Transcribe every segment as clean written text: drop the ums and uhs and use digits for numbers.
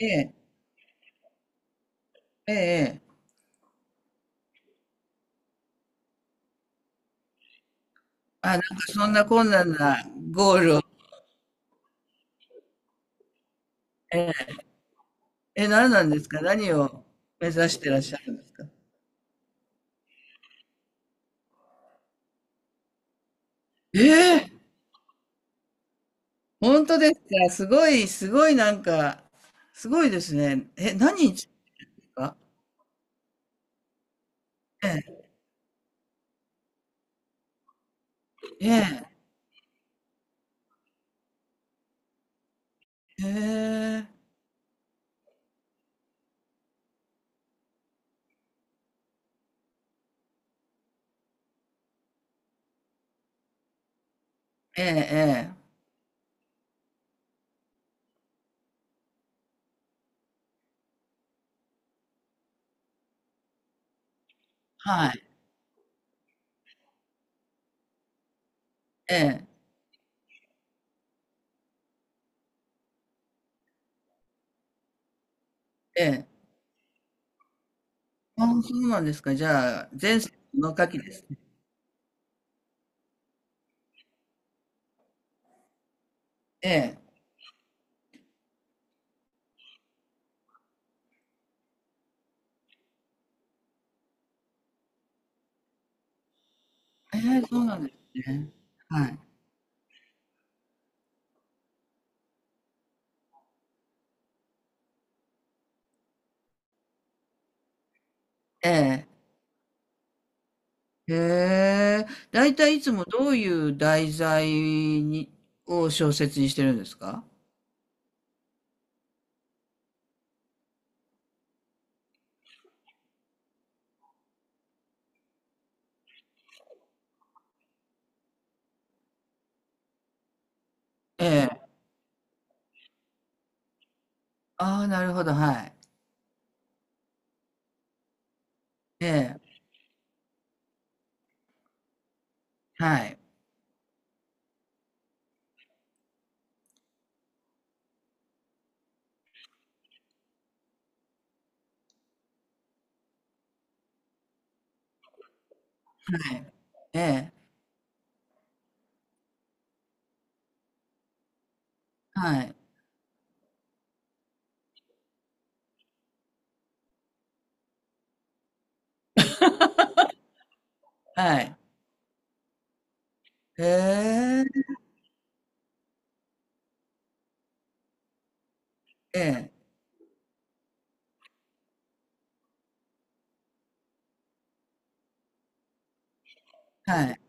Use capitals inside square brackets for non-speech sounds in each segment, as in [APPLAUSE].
ええ、ええええ。あ、なんかそんな困難なゴールを。ええ。え、何なんですか？何を目指してらっしゃるんですか？ええ、本当ですか？すごい、すごいなんか、すごいですね。え、何日ですか？ええ、ええ、え、ええ、え、はい、ええ、ええ。ああ、そうなんですか。じゃあ、前世の書きですね。ええ、ええ、そうなんですね。はい。ええ。へえ、だいたいいつもどういう題材に、を小説にしてるんですか？ええ。ああ、なるほど、はい。ええ、はい、はい、ええ、はい、はい。へえ、ええ、はい、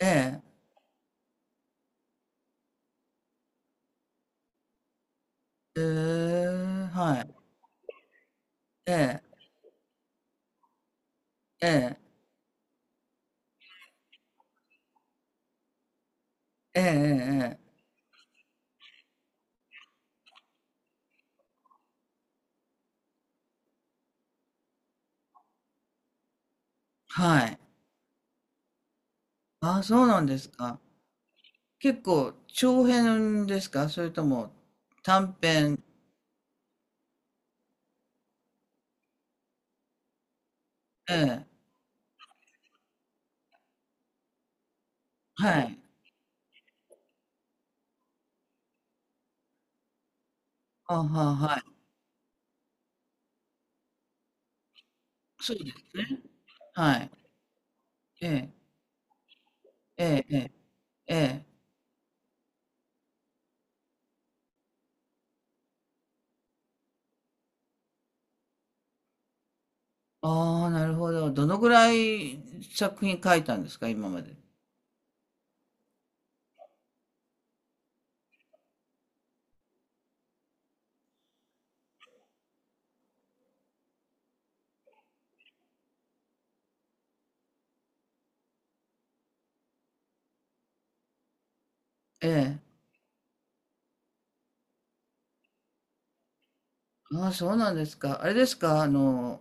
ええ、ええ、はい、ええ、ええ、ええ、ええ、はい。ああ、そうなんですか。結構長編ですか、それとも短編？ええ、はい。ああ、はい。そうですね。はい。ええ、ええ、ええ、ええ。ああ、なるほど。どのぐらい作品書いたんですか、今まで。ええ。ああ、そうなんですか。あれですか、あの、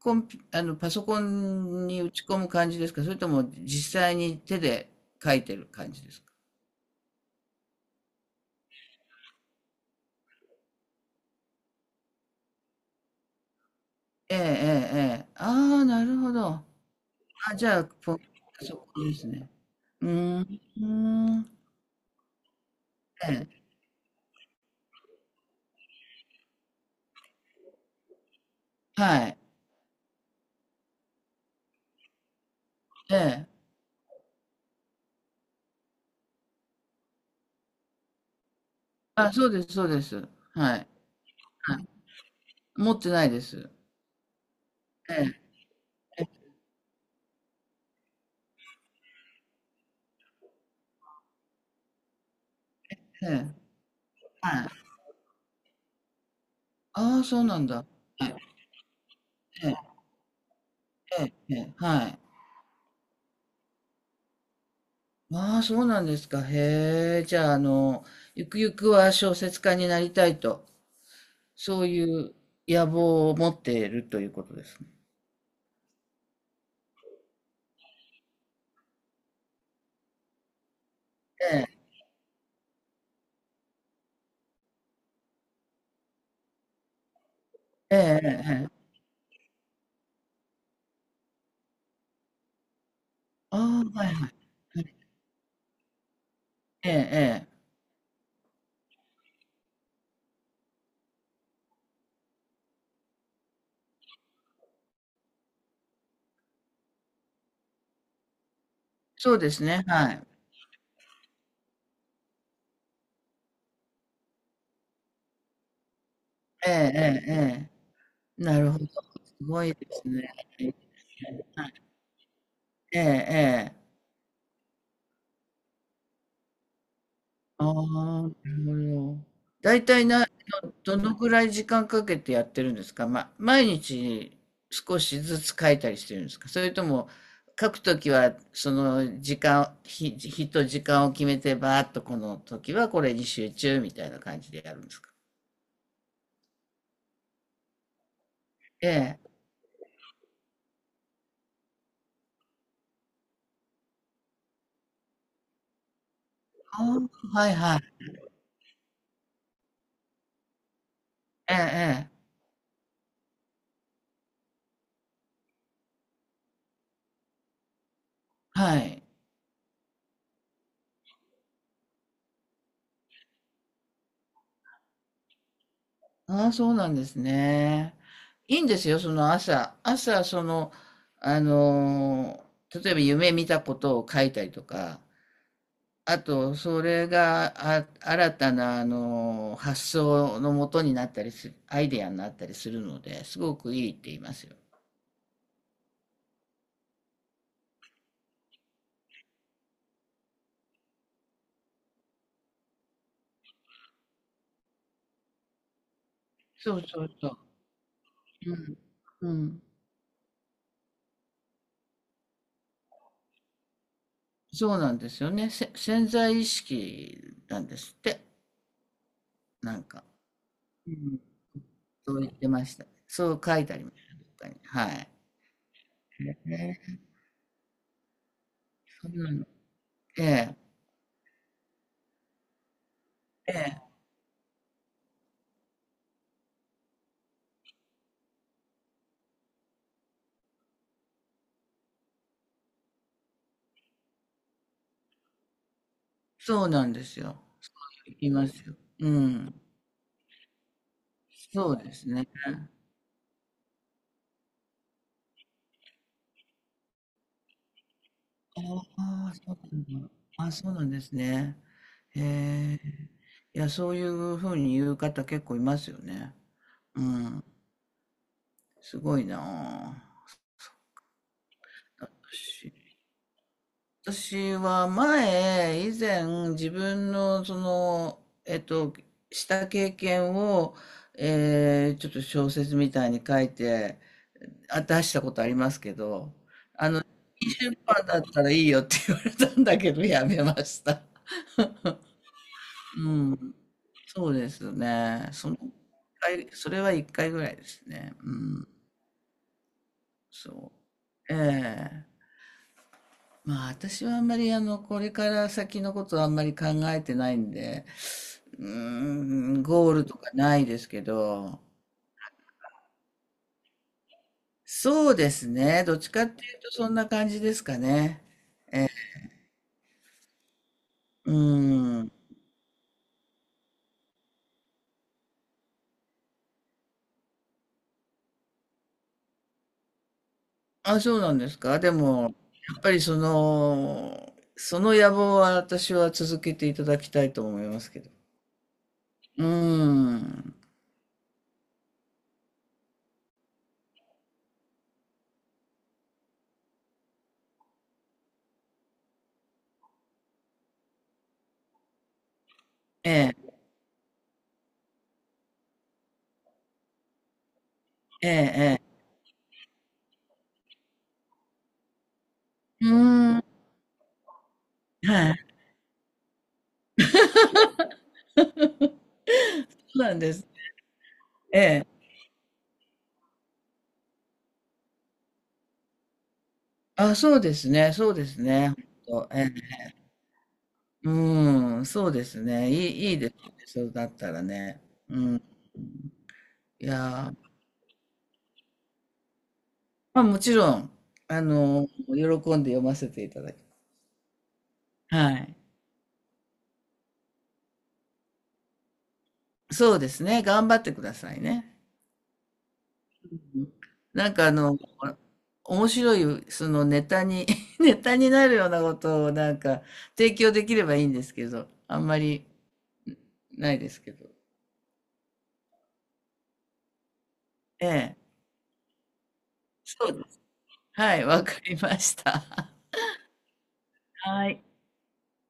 コンピ、あの、パソコンに打ち込む感じですか、それとも実際に手で書いてる感じですか。ええ、ええ、ええ。ああ、なるほど。あ、じゃあ、ポパソコンですね。うーん。うーん、ええ。はい。ええ。あ、そうです、そうです。はい。はい。持ってないです。ええ、ええ、ええ、はい。ああ、そうなんだ。はい。ええ、ええ、ええ、はい。ああ、そうなんですか。へえ。じゃあ、ゆくゆくは小説家になりたいと、そういう野望を持っているということですね。ええ、ええ、ええ、ええ。ああ、はいはい。ええ、ええ。そうですね、はい。ええ、ええ、ええ。なるほど。すごいですね。ええ、ええ。ああ、なるほど。大体な、どのくらい時間かけてやってるんですか？ま、毎日少しずつ書いたりしてるんですか？それとも書くときはその時間、日、日と時間を決めてバーッとこの時はこれに集中みたいな感じでやるんですか？ええ。ああ、はいはい。ええ、ええ。はい。ああ、そうなんですね。いいんですよ、その朝。朝、その、あの例えば夢見たことを書いたりとか、あと、それが、あ、新たな、発想のもとになったりする、アイデアになったりするので、すごくいいって言いますよ。そうそうそう。うん。うん。そうなんですよね。潜在意識なんですって。なんか。うん。そう言ってました。そう書いてありました。どっかに、はい。うん。ええ、ええ、そうなんですよ。そう言いますよ。うん。そうですね。ああ、そうなんだ。あ、そうなんですね。へえ。いや、そういうふうに言う方結構いますよね。うん。すごいなあ。私は前、以前、自分の、その、えっと、した経験を、ちょっと小説みたいに書いて、あ、出したことありますけど、いい出版だったらいいよって言われたんだけど、やめました。うん。そうですね。その一回、それは一回ぐらいですね。うん。そう。ええ、まあ私はあんまり、あの、これから先のことはあんまり考えてないんで、うーん、ゴールとかないですけど、そうですね。どっちかっていうとそんな感じですかね。うん。あ、そうなんですか。でも、やっぱりその、その野望は私は続けていただきたいと思いますけど。うん。ええ、ええ、ええ。うん。はい。そうなんです。ええ。あ、そうですね。そうですね。ほんと、ええ、うーん、そうですね。いいですね、そうだったらね。うん。いやー、ま、もちろん、喜んで読ませていただきます。はい。そうですね、頑張ってくださいね。うん。なんか、あの、面白いそのネタに、 [LAUGHS] ネタになるようなことをなんか提供できればいいんですけど、あんまりないですけど。ええ、そうです。はい、わかりました。[LAUGHS] はい。